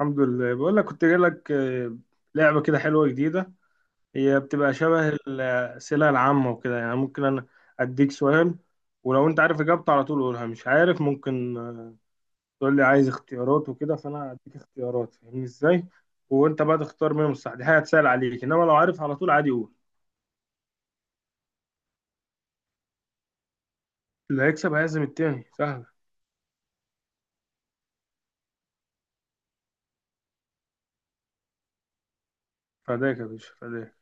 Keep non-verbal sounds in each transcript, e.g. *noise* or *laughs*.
الحمد لله، بقول لك كنت جاي لك لعبة كده حلوة جديدة. هي بتبقى شبه الأسئلة العامة وكده، يعني ممكن أنا أديك سؤال، ولو أنت عارف إجابته على طول قولها، مش عارف ممكن تقول لي عايز اختيارات وكده، فأنا أديك اختيارات، فاهمني إزاي، وأنت بقى تختار منهم الصح. دي حاجة هتسهل عليك، إنما لو عارف على طول عادي قول. اللي هيكسب هيعزم التاني، سهلة. فداك يا باشا، فداك.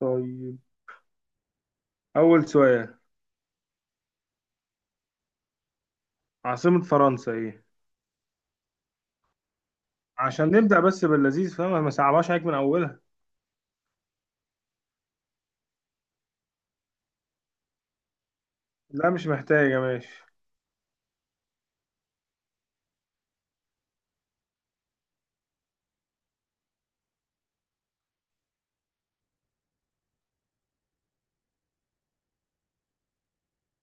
طيب، أول سؤال، عاصمة فرنسا إيه؟ عشان نبدأ بس باللذيذ، فاهم، ما صعبهاش عليك من أولها. لا مش محتاجة، ماشي.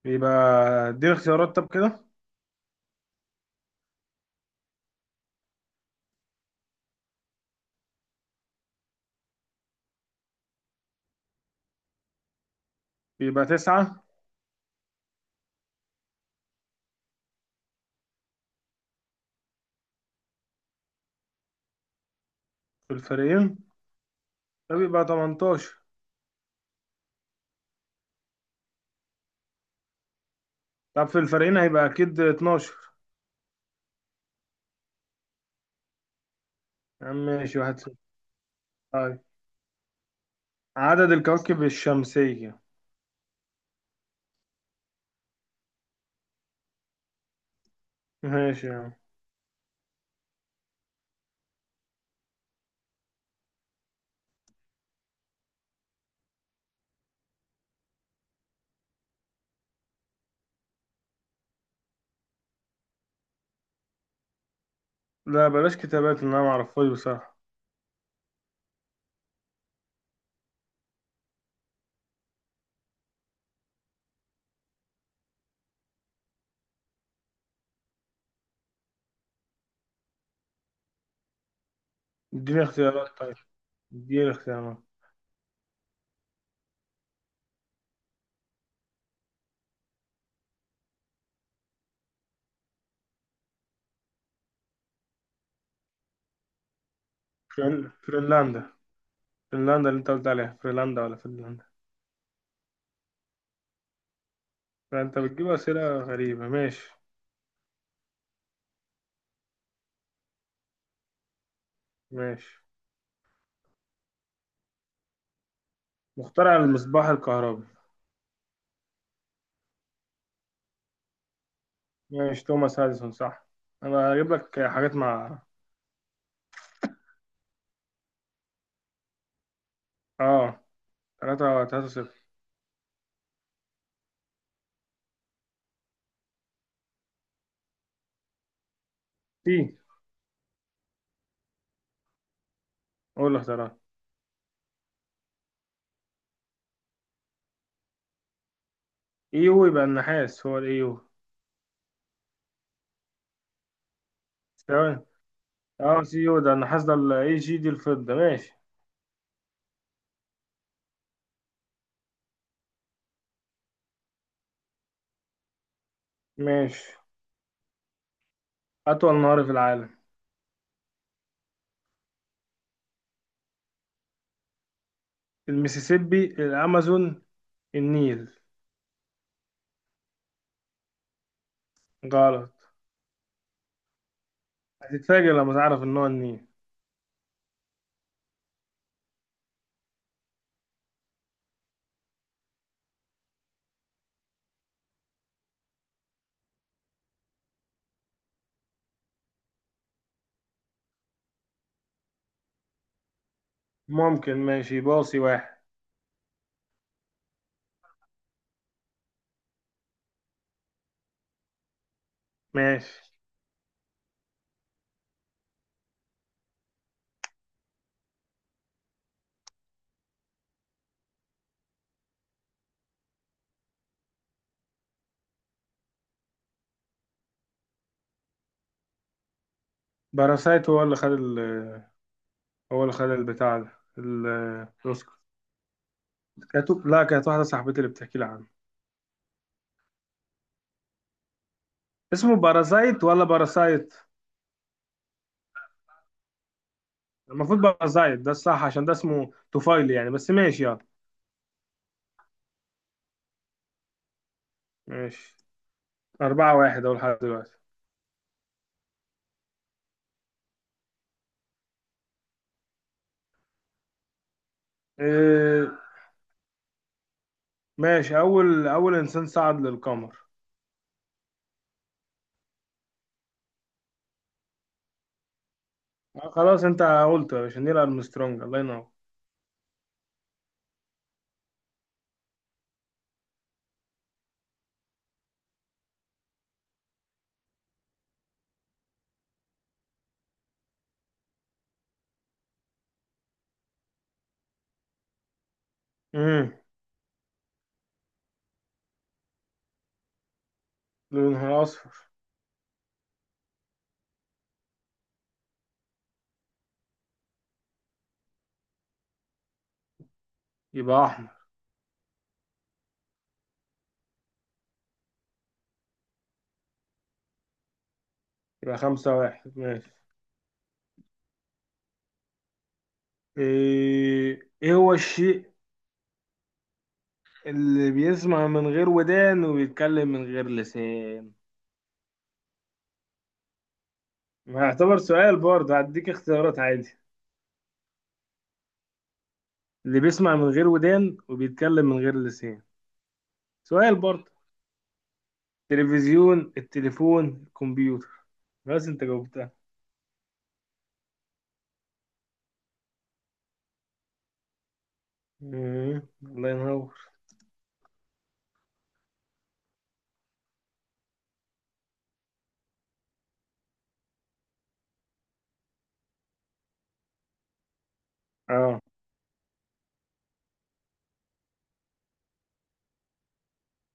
بيبقى، دي الاختيارات، طب كده بيبقى تسعة في الفريقين. ده بيبقى 18. طب في الفريقين هيبقى أكيد 12. يا عم ماشي، واحد صفر. طيب، عدد الكواكب الشمسية. ماشي يا عم. لا بلاش كتابات، إن أنا معرفهاش بصراحة. اديني اختيارات طيب، اديني اختيارات. فنلندا. فنلندا اللي أنت قلت عليها، فنلندا ولا فنلندا. فأنت بتجيب أسئلة غريبة، ماشي. ماشي، مخترع المصباح الكهربي. ماشي توماس اديسون، صح. انا هجيب لك حاجات مع. اه، تلاتة صفر. سي. هو اللي اختارها. ايو، يبقى النحاس هو الايو. تمام. اه سي يو ده النحاس، ده الاي جي دي الفضة، ماشي. ماشي، أطول نهر في العالم. المسيسيبي، الأمازون، النيل. غلط. هتتفاجئ لما تعرف إن هو النيل. ممكن، ماشي باصي واحد. ماشي. باراسايت هو اللي خد هو اللي خد البتاع ده ال- الأوسكار كانت، لا، كانت واحدة صاحبتي اللي بتحكي لي عنه. اسمه باراسايت ولا باراسايت؟ المفروض بقى زايد، ده الصح عشان ده اسمه طفيلي يعني، بس ماشي يلا. ماشي، أربعة واحد أول لحد دلوقتي. إيه؟ ماشي، أول إنسان صعد للقمر. آه خلاص، أنت قلت يا باشا نيل أرمسترونج، الله ينور. امم لونها أصفر. يبقى أحمر. يبقى خمسة واحد، ماشي. إيه هو الشيء اللي بيسمع من غير ودان وبيتكلم من غير لسان. ما يعتبر سؤال برضه، هديك اختيارات عادي. اللي بيسمع من غير ودان وبيتكلم من غير لسان. سؤال برضه. تلفزيون، التليفون، الكمبيوتر. بس انت جاوبتها. مم. الله ينور. اه،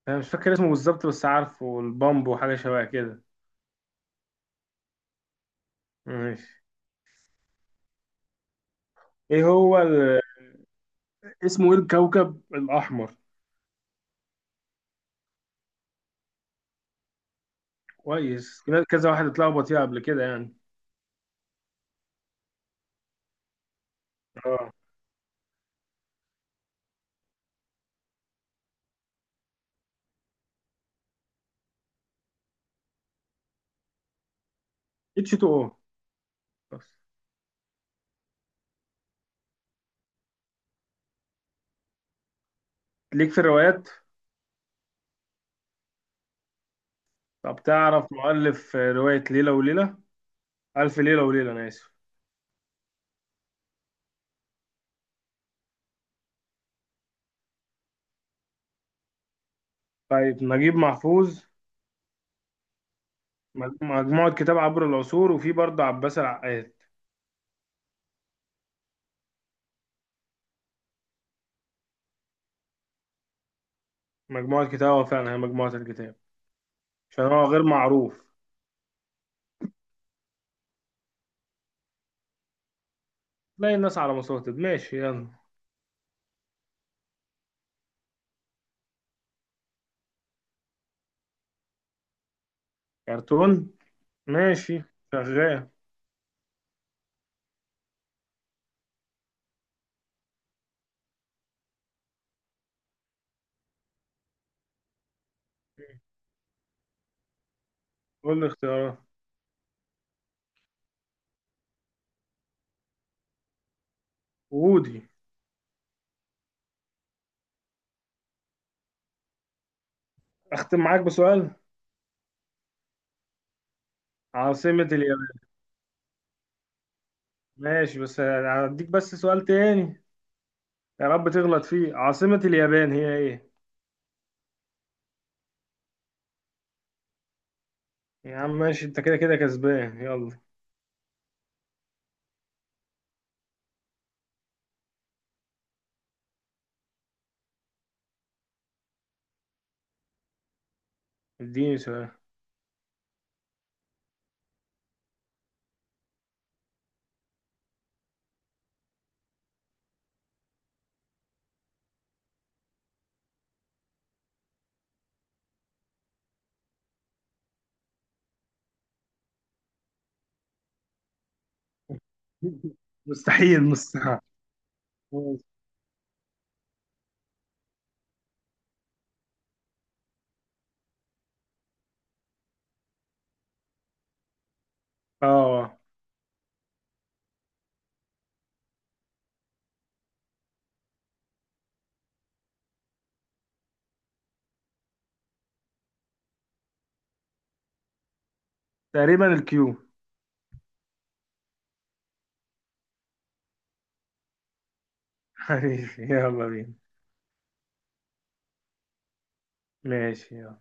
انا مش فاكر اسمه بالظبط بس عارفه، والبامب وحاجه شبه كده. ماشي. ايه هو ال... *laughs* اسمه ايه الكوكب الاحمر؟ كويس، كذا واحد اتلخبط فيها قبل كده يعني. اه، اتش 2 او. بس. ليك في الروايات؟ طب تعرف مؤلف روايه ليله وليله، الف ليله وليله انا اسف. طيب، نجيب محفوظ. مجموعه كتاب عبر العصور، وفي برضه عباس العقاد. مجموعة كتاب، هو فعلا هي مجموعة الكتاب. عشان هو غير معروف. تلاقي الناس على مصادر، ماشي يلا. كرتون. ماشي، شغال. قول لي اختيارات. وودي. اختم معاك بسؤال، عاصمة اليابان. ماشي بس هديك بس سؤال تاني. يا رب تغلط فيه، عاصمة اليابان هي ايه؟ يا عم ماشي، انت كده كده كسبان يلا. اديني سؤال. *laughs* مستحيل مستحيل. اه، تقريبا الكيو. *laughs* حبيبي يلا بينا. ماشي يلا.